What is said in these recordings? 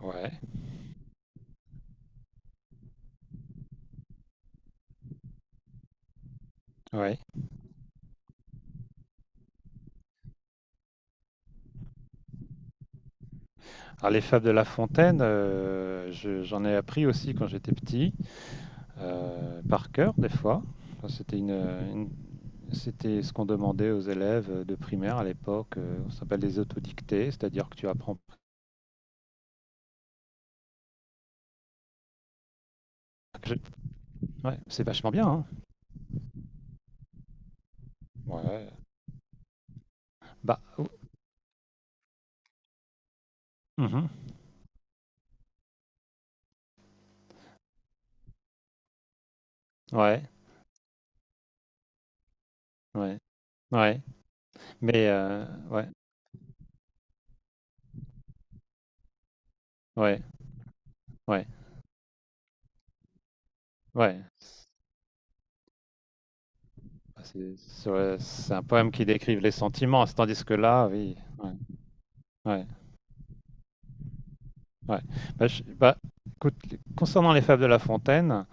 Ouais, ouais. Alors les fables de La Fontaine, j'en ai appris aussi quand j'étais petit, par cœur des fois. Enfin, c'était ce qu'on demandait aux élèves de primaire à l'époque. On s'appelle des autodictées, c'est-à-dire que tu apprends. Je- Ouais, c'est vachement bien, hein. Ouais. Bah, mhm. Ouais, ouais, ouais. Mais ouais, ouais, ouais, ouais. C'est un poème qui décrive les sentiments, tandis que là, oui. Ouais, ouais. Ouais. Bah, bah, écoute, concernant les fables de La Fontaine,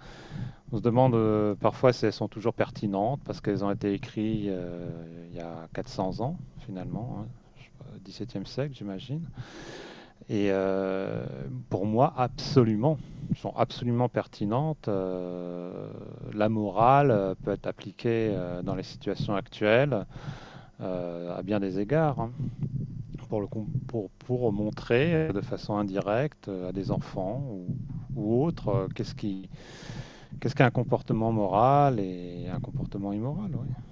on se demande parfois si elles sont toujours pertinentes parce qu'elles ont été écrites il y a 400 ans, finalement, hein, je sais pas, 17e siècle, j'imagine. Et pour moi, absolument, elles sont absolument pertinentes. La morale peut être appliquée dans les situations actuelles à bien des égards. Hein, pour, le, pour montrer de façon indirecte à des enfants ou autres qu'est-ce qui, qu'est-ce qu'un comportement moral et un comportement immoral, ouais.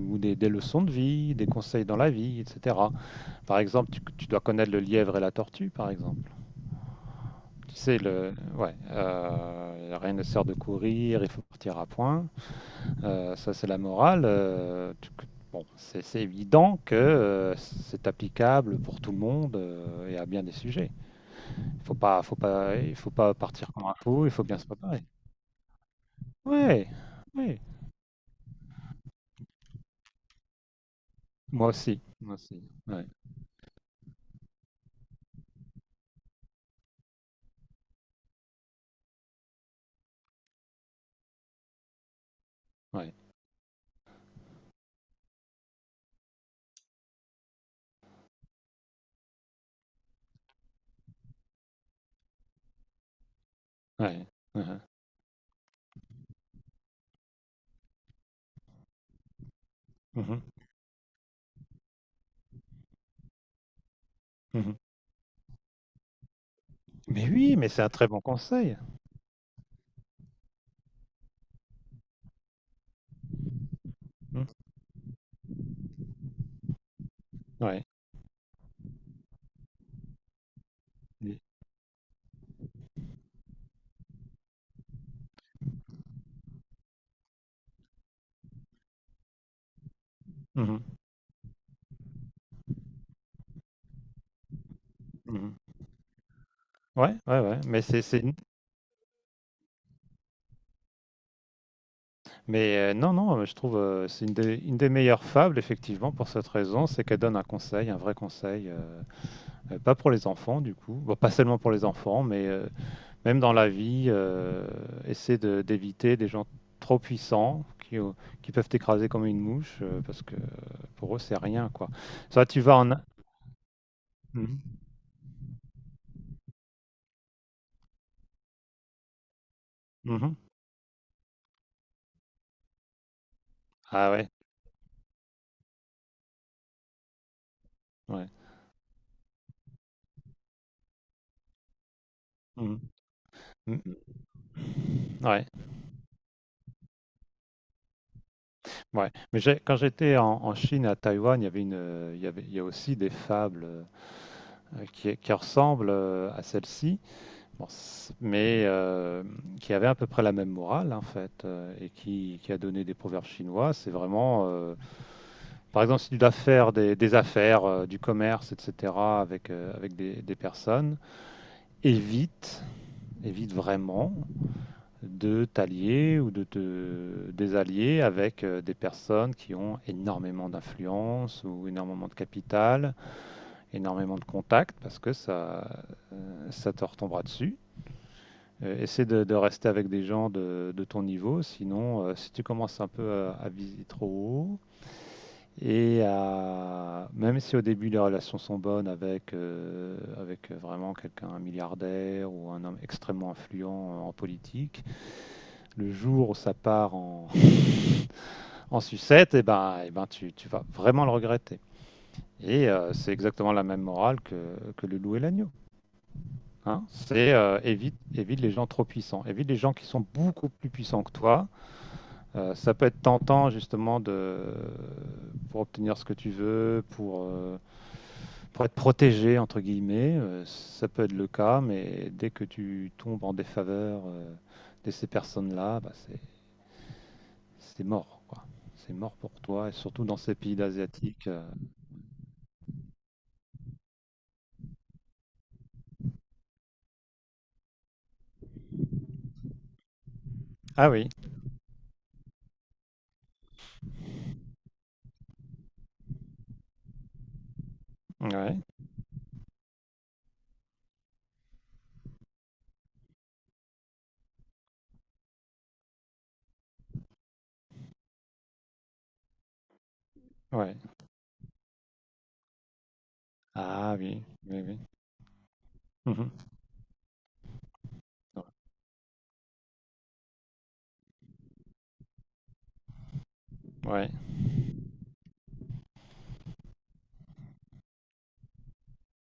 Ou des, leçons de vie, des conseils dans la vie, etc. Par exemple, tu dois connaître le lièvre et la tortue, par exemple. Tu sais, ouais, rien ne sert de courir, il faut partir à point. Ça, c'est la morale. Bon, c'est évident que c'est applicable pour tout le monde et à bien des sujets. Faut pas, il faut pas partir comme un fou, il faut bien se préparer. Ouais, ouais, moi aussi, ouais, ouais, ouais. Uhum, uhum, uhum. Mais oui, mais c'est un très bon conseil. Mhm, ouais. Oui, mhm, mhm. Ouais, ouais, ouais. Mais mais non, non, je trouve c'est une des meilleures fables effectivement pour cette raison, c'est qu'elle donne un conseil, un vrai conseil, pas pour les enfants du coup. Bon, pas seulement pour les enfants, mais même dans la vie, d'éviter des gens trop puissants qui peuvent t'écraser comme une mouche parce que pour eux, c'est rien, quoi. Soit tu vas en. A- Mhm. Mhm. Ah ouais, ouais. Mhm. Mhm. Ouais, ouais. Mais quand j'étais en, en Chine, à Taïwan, il y avait une, il y a aussi des fables qui ressemblent à celle-ci. Bon, mais qui avait à peu près la même morale en fait, et qui a donné des proverbes chinois. C'est vraiment, par exemple, si tu dois faire des affaires, du commerce, etc., avec, avec des personnes, évite, évite vraiment de t'allier ou de te désallier avec des personnes qui ont énormément d'influence ou énormément de capital, énormément de contacts, parce que ça, ça te retombera dessus. Essaie de rester avec des gens de ton niveau, sinon, si tu commences un peu à viser trop haut, et même si au début les relations sont bonnes avec, avec vraiment quelqu'un, un milliardaire ou un homme extrêmement influent en politique, le jour où ça part en, en sucette, et ben tu vas vraiment le regretter. Et c'est exactement la même morale que le loup et l'agneau, hein. C'est évite les gens trop puissants, évite les gens qui sont beaucoup plus puissants que toi. Ça peut être tentant justement de pour obtenir ce que tu veux, pour être protégé entre guillemets. Ça peut être le cas, mais dès que tu tombes en défaveur de ces personnes-là, bah, c'est mort, quoi. C'est mort pour toi, et surtout dans ces pays asiatiques. Euh. Ah oui, ouais, ouais. Ah oui, oui, oui. Mhm. Ouais,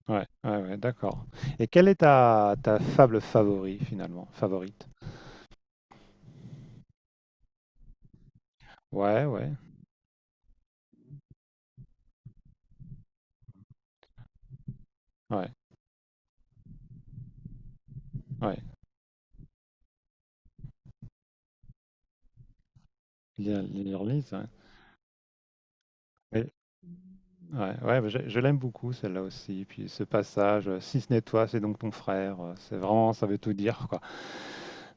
ouais, ouais, ouais, d'accord. Et quelle est ta, ta fable favori finalement, favorite? Ouais, ouais, ouais, ouais. Les Hurleys, ouais. Oui. Ouais, ouais, bah, je l'aime beaucoup celle-là aussi. Puis ce passage, si ce n'est toi, c'est donc ton frère. Euh, c'est vraiment, ça veut tout dire, quoi.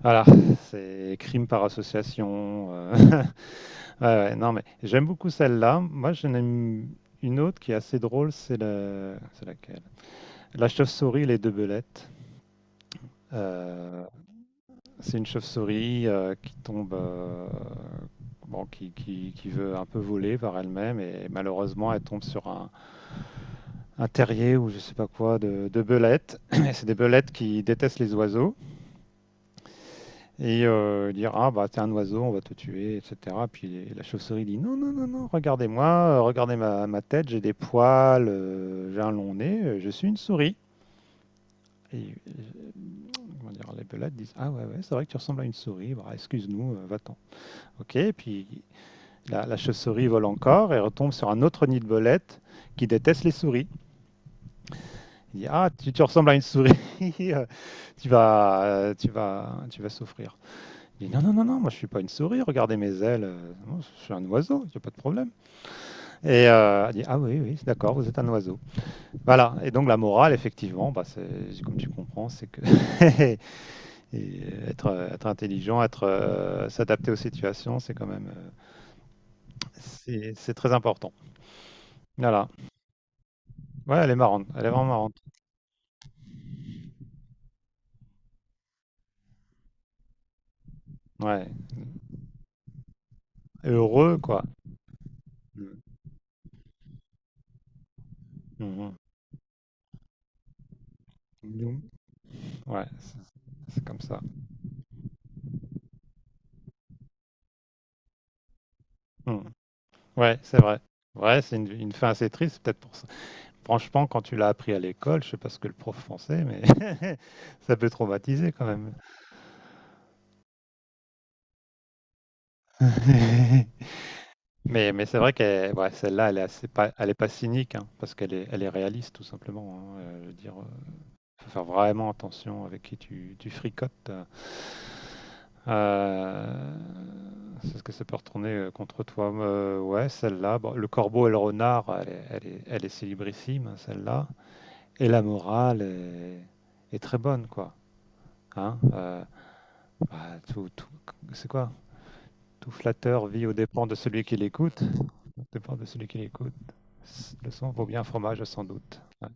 Voilà, c'est crime par association. Ouais, ouais, non, mais j'aime beaucoup celle-là. Moi, j'en aime une autre qui est assez drôle. C'est c'est laquelle? La chauve-souris et les deux belettes. Euh, c'est une chauve-souris qui tombe, bon, qui veut un peu voler par elle-même et malheureusement, elle tombe sur un terrier ou je sais pas quoi de belettes. Et c'est des belettes qui détestent les oiseaux et dire ah bah t'es un oiseau, on va te tuer, etc. Puis la chauve-souris dit non non non non, regardez-moi, regardez ma tête, j'ai des poils, j'ai un long nez, je suis une souris. Et comment dire, les belettes disent ah ouais ouais c'est vrai que tu ressembles à une souris, bah, excuse-nous, va-t'en. Ok, et puis la chauve-souris vole encore et retombe sur un autre nid de belettes qui déteste les souris. Il dit ah tu ressembles à une souris. euh, tu vas souffrir. Il dit non, non, non, non, moi je suis pas une souris, regardez mes ailes, moi, je suis un oiseau, il n'y a pas de problème. Et elle dit ah oui, oui, d'accord, vous êtes un oiseau. Voilà, et donc la morale, effectivement, bah, comme tu comprends, c'est que et être intelligent, s'adapter aux situations, c'est quand même, c'est très important. Voilà, ouais, elle est marrante, elle est vraiment marrante. Ouais. Et heureux, quoi. Mhm. Mhm. Ouais, c'est comme ça. Mm. Ouais, c'est vrai. Ouais, c'est une fin assez triste, peut-être pour ça. Franchement, quand tu l'as appris à l'école, je sais pas ce que le prof pensait, mais ça peut traumatiser quand même. Mais c'est vrai que ouais, celle-là, elle est pas cynique, hein, parce qu'elle est réaliste, tout simplement, hein. Je veux dire, faut faire vraiment attention avec qui tu fricotes. Euh, c'est ce que ça peut retourner contre toi. Ouais, celle-là. Bon, le corbeau et le renard, elle est célébrissime, hein, celle-là. Et la morale est très bonne, quoi. Hein. Bah, c'est quoi? Tout flatteur vit aux dépens de celui qui l'écoute. Aux dépens de celui qui l'écoute. Le sang vaut bien un fromage, sans doute. Ouais,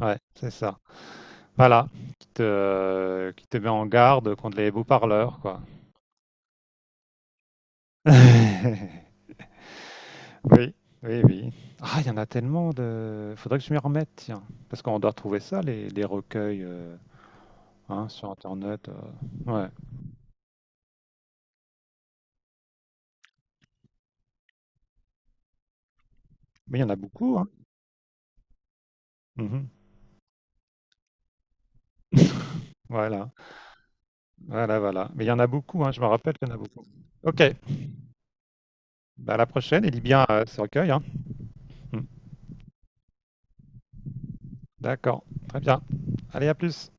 ouais, c'est ça. Voilà, qui te met en garde contre les beaux-parleurs, quoi. Oui, oui, oui. Ah, il y en a tellement de... Faudrait que je m'y remette, tiens. Parce qu'on doit trouver ça, les recueils hein, sur Internet. Euh. Ouais. Mais il y en a beaucoup, hein. Mhm. Voilà, voilà, voilà. Mais il y en a beaucoup, hein, je me rappelle qu'il y en a beaucoup. Ok, bah, à la prochaine et lis bien ce recueil, hein. Hmm. D'accord, très bien. Allez, à plus.